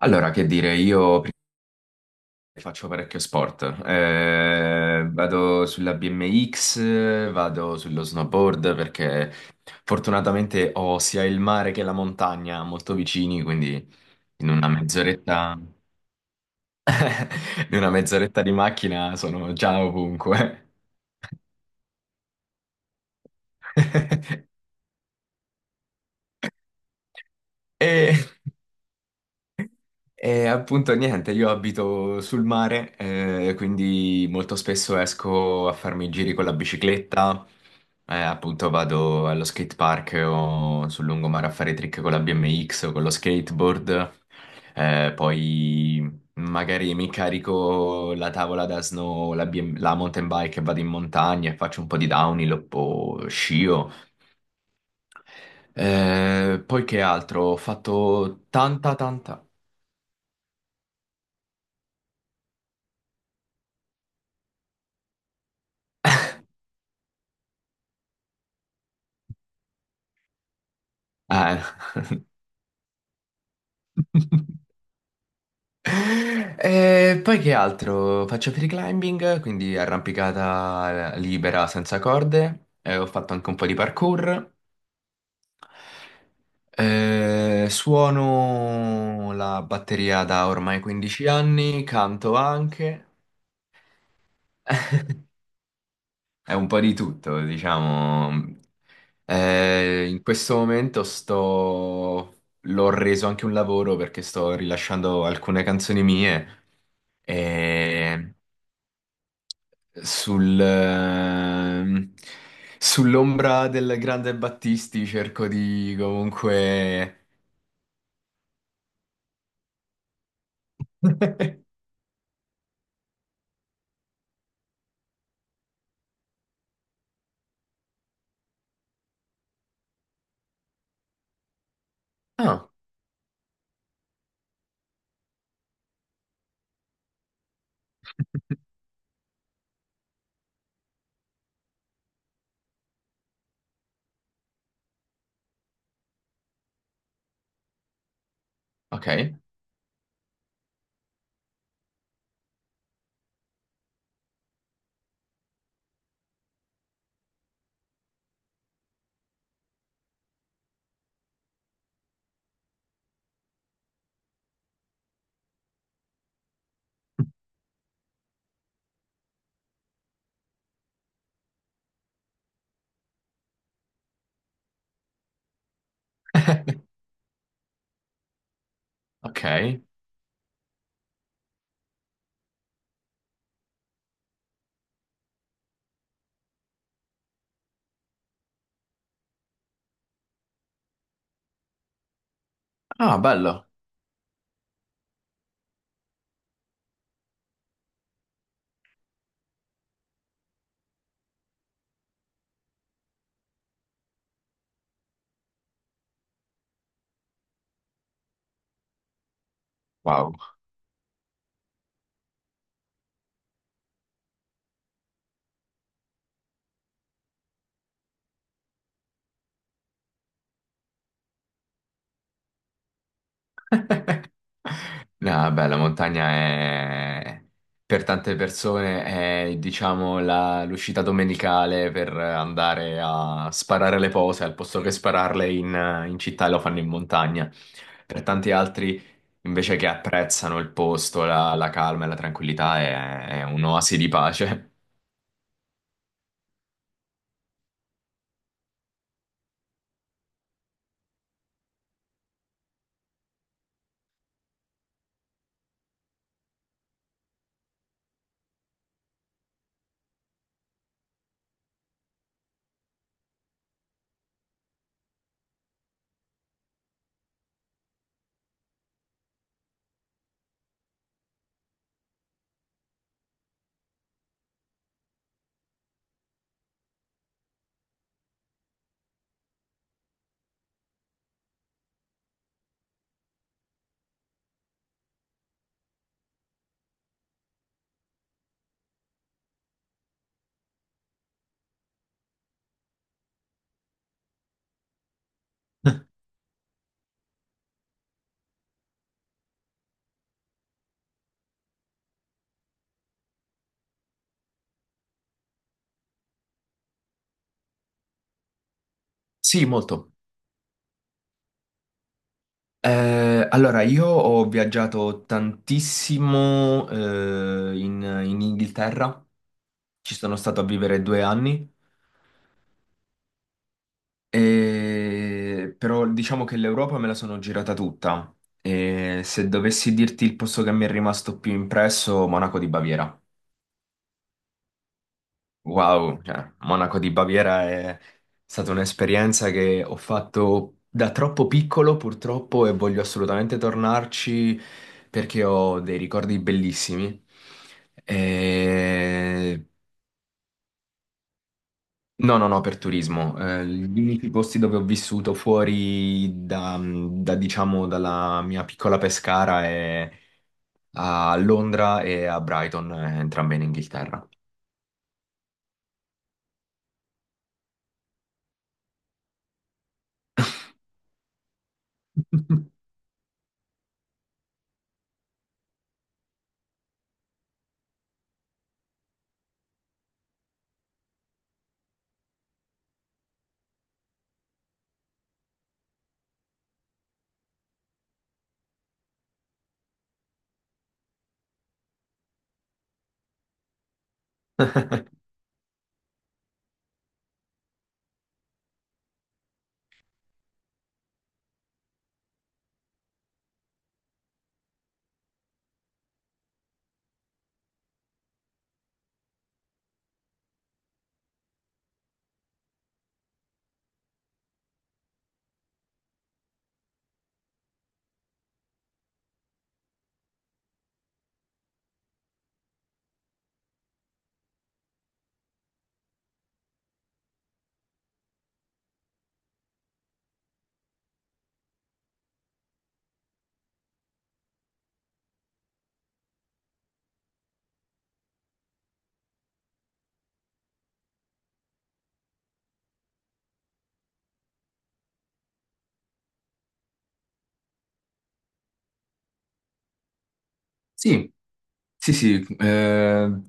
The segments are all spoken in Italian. Allora, che dire, io faccio parecchio sport. Vado sulla BMX, vado sullo snowboard perché fortunatamente ho sia il mare che la montagna molto vicini, quindi in una mezz'oretta, in una mezz'oretta di macchina sono già ovunque. E E appunto niente, io abito sul mare, quindi molto spesso esco a farmi i giri con la bicicletta, appunto vado allo skate park o sul lungomare a fare trick con la BMX o con lo skateboard, poi magari mi carico la tavola da snow, la, BM la mountain bike e vado in montagna e faccio un po' di downhill o scio. Poi che altro? Ho fatto tanta, tanta... Eh. E poi che altro? Faccio free climbing, quindi arrampicata libera senza corde. Ho fatto anche un po' di parkour. Suono la batteria da ormai 15 anni, canto anche. È un po' di tutto, diciamo. In questo momento sto... L'ho reso anche un lavoro perché sto rilasciando alcune canzoni mie. E Sul, ehm, sull'ombra del grande Battisti cerco di comunque... Ah, ok. Ok. Ah, bello. Wow. No, beh, la montagna è... Per tante persone è, diciamo, l'uscita domenicale per andare a sparare le pose, al posto che spararle in città lo fanno in montagna. Per tanti altri, invece che apprezzano il posto, la calma e la tranquillità, è un'oasi di pace. Sì, molto. Allora, io ho viaggiato tantissimo in Inghilterra, ci sono stato a vivere due anni, però diciamo che l'Europa me la sono girata tutta. E se dovessi dirti il posto che mi è rimasto più impresso, Monaco di Baviera. Wow, cioè, Monaco di Baviera è stata un'esperienza che ho fatto da troppo piccolo, purtroppo, e voglio assolutamente tornarci perché ho dei ricordi bellissimi. E- No, no, no, per turismo. Gli unici posti dove ho vissuto fuori diciamo, dalla mia piccola Pescara è a Londra e a Brighton, entrambe in Inghilterra. Sì. Sì, sì,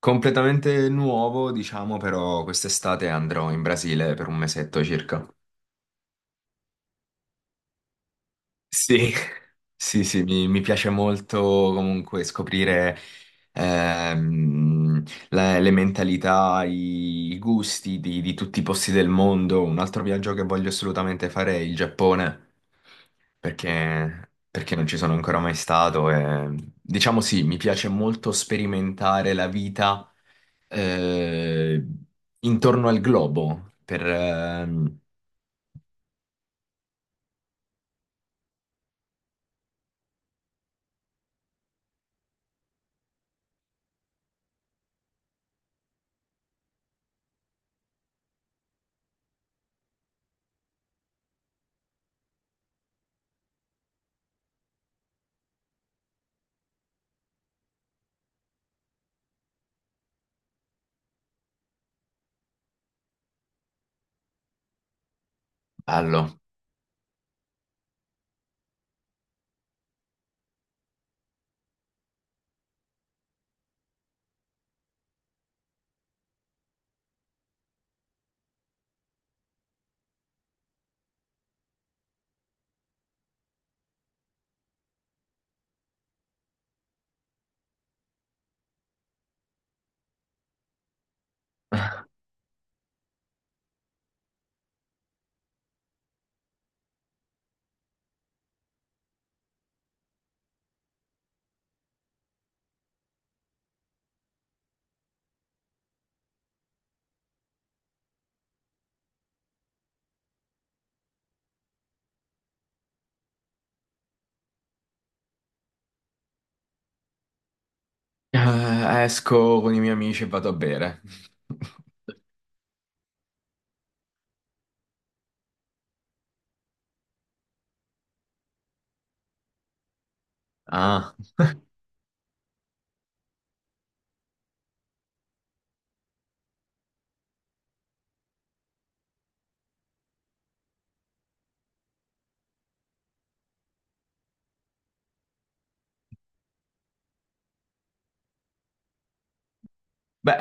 completamente nuovo, diciamo, però quest'estate andrò in Brasile per un mesetto circa. Sì, Sì, sì, mi piace molto comunque scoprire ehm, le mentalità, i gusti di tutti i posti del mondo. Un altro viaggio che voglio assolutamente fare è il Giappone, perché, perché non ci sono ancora mai stato. E, diciamo sì, mi piace molto sperimentare la vita eh, intorno al globo. Bello. Esco con i miei amici e vado a bere. Ah, beh,